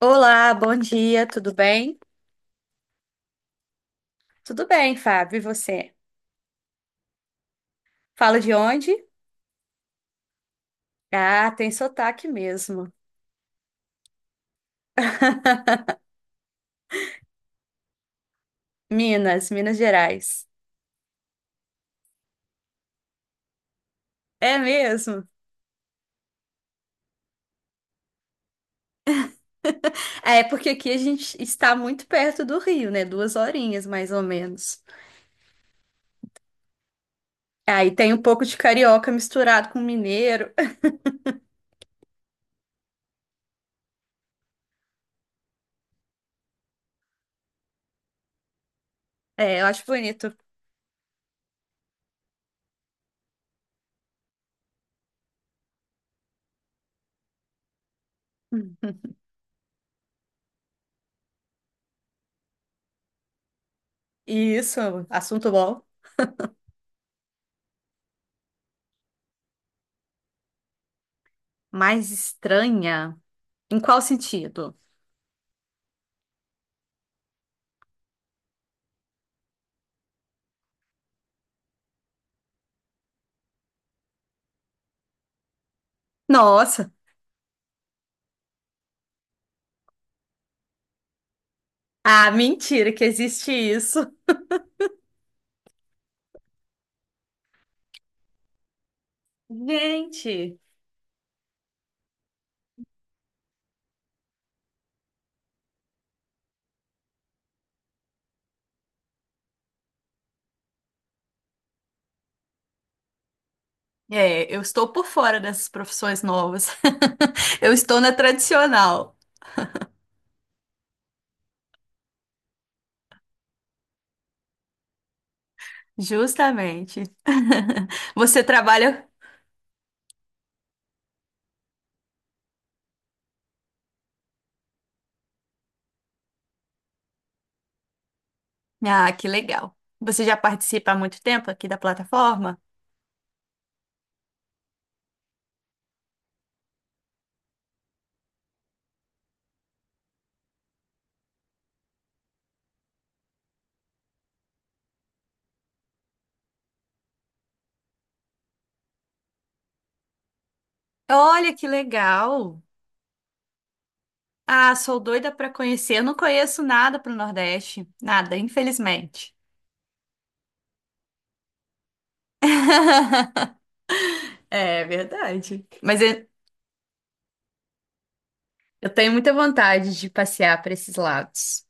Olá, bom dia, tudo bem? Tudo bem, Fábio, e você? Fala de onde? Ah, tem sotaque mesmo. Minas, Minas Gerais. É mesmo? É, porque aqui a gente está muito perto do Rio, né? 2 horinhas, mais ou menos. Aí tem um pouco de carioca misturado com mineiro. É, eu acho bonito. Isso, assunto bom. Mais estranha? Em qual sentido? Nossa! Ah, mentira que existe isso. Gente! É, eu estou por fora dessas profissões novas. Eu estou na tradicional, justamente. Você trabalha. Ah, que legal. Você já participa há muito tempo aqui da plataforma? Olha que legal. Ah, sou doida para conhecer. Eu não conheço nada pro Nordeste, nada, infelizmente. É verdade. Mas eu tenho muita vontade de passear para esses lados.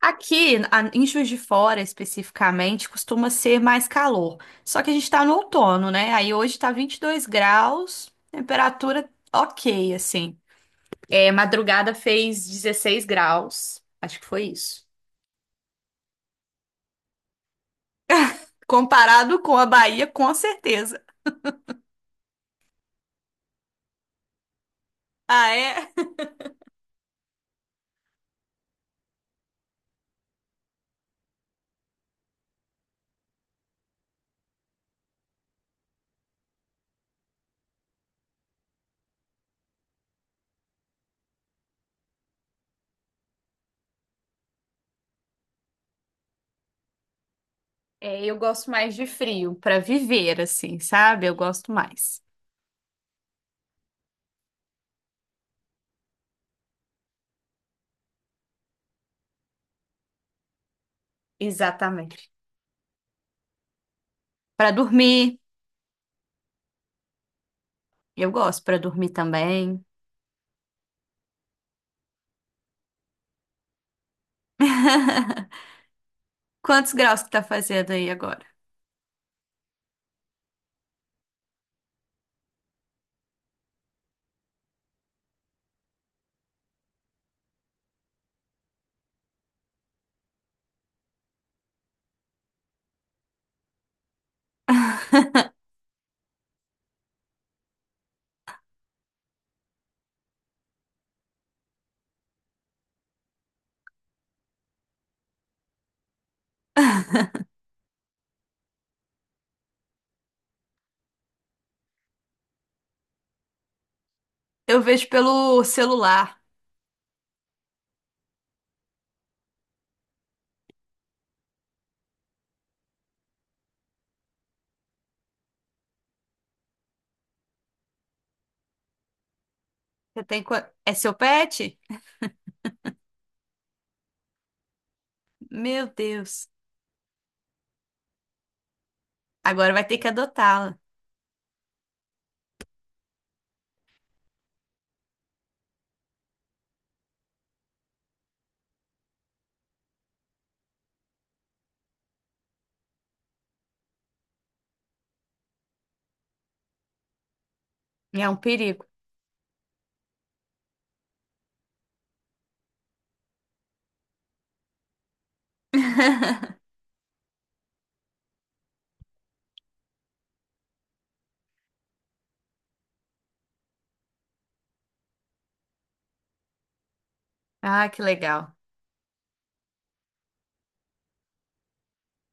Aqui, em Juiz de Fora especificamente, costuma ser mais calor. Só que a gente está no outono, né? Aí hoje está 22 graus, temperatura ok, assim. É, madrugada fez 16 graus. Acho que foi isso. Comparado com a Bahia, com certeza. Ah, é? É, eu gosto mais de frio para viver, assim, sabe? Eu gosto mais. Exatamente. Para dormir, eu gosto para dormir também. Quantos graus que tá fazendo aí agora? Eu vejo pelo celular. É seu pet? Meu Deus. Agora vai ter que adotá-la. É um perigo. Ah, que legal.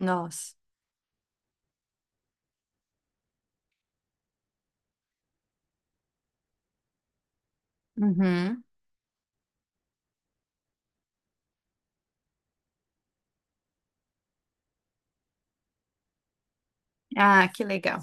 Nossa. Uhum. Ah, que legal.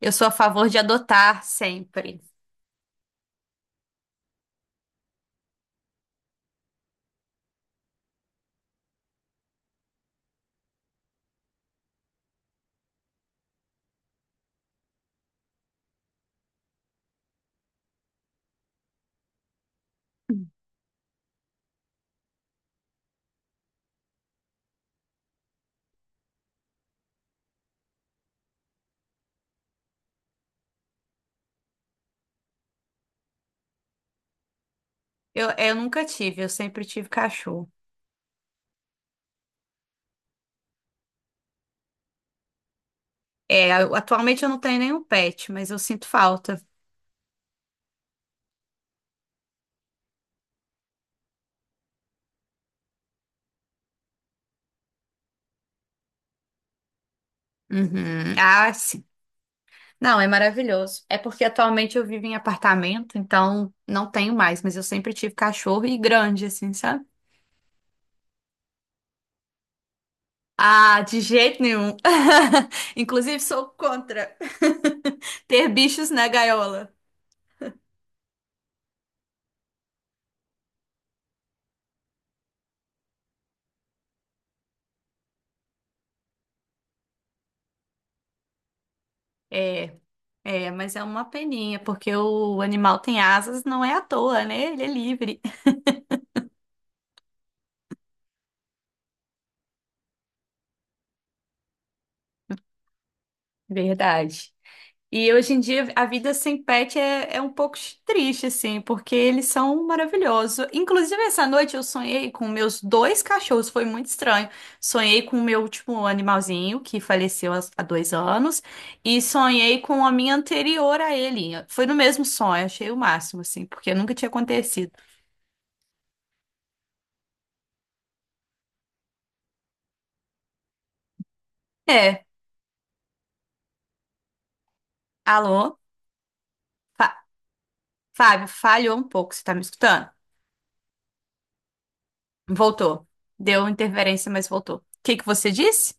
Eu sou a favor de adotar sempre. Eu nunca tive, eu sempre tive cachorro. É, atualmente eu não tenho nenhum pet, mas eu sinto falta. Uhum. Ah, sim. Não, é maravilhoso. É porque atualmente eu vivo em apartamento, então não tenho mais, mas eu sempre tive cachorro e grande, assim, sabe? Ah, de jeito nenhum. Inclusive, sou contra ter bichos na gaiola. É, é, mas é uma peninha, porque o animal tem asas, não é à toa, né? Ele é livre. Verdade. E hoje em dia a vida sem pet é um pouco triste, assim, porque eles são maravilhosos. Inclusive, essa noite eu sonhei com meus dois cachorros, foi muito estranho. Sonhei com o meu último animalzinho, que faleceu há 2 anos, e sonhei com a minha anterior a ele. Foi no mesmo sonho, achei o máximo, assim, porque nunca tinha acontecido. É, alô? Fa- Fábio, falhou um pouco, você tá me escutando? Voltou. Deu interferência, mas voltou. O que que você disse?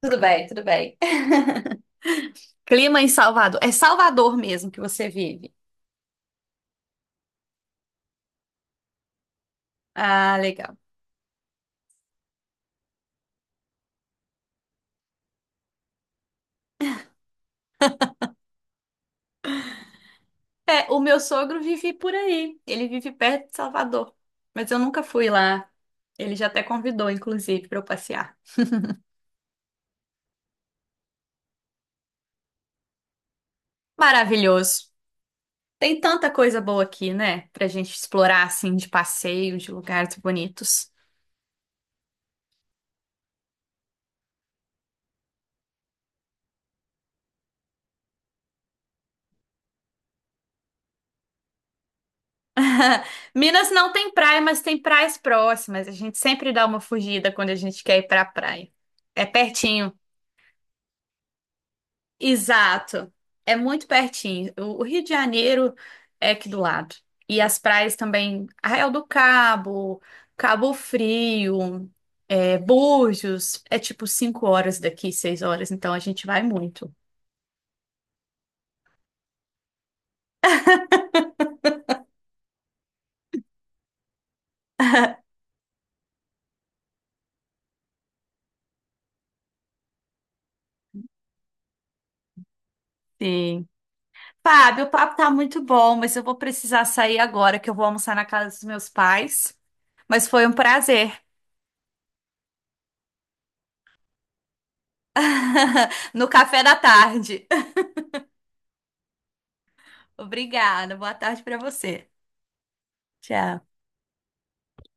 Tudo bem, tudo bem. Clima em Salvador. É Salvador mesmo que você vive. Ah, legal. É, o meu sogro vive por aí. Ele vive perto de Salvador. Mas eu nunca fui lá. Ele já até convidou, inclusive, para eu passear. Maravilhoso. Tem tanta coisa boa aqui, né? Pra gente explorar, assim, de passeio, de lugares bonitos. Minas não tem praia, mas tem praias próximas. A gente sempre dá uma fugida quando a gente quer ir pra praia. É pertinho. Exato. É muito pertinho. O Rio de Janeiro é aqui do lado. E as praias também, Arraial do Cabo, Cabo Frio, é, Búzios, é tipo 5 horas daqui, 6 horas, então a gente vai muito. Sim. Fábio, o papo tá muito bom, mas eu vou precisar sair agora, que eu vou almoçar na casa dos meus pais. Mas foi um prazer. No café da tarde. Obrigada. Boa tarde pra você. Tchau.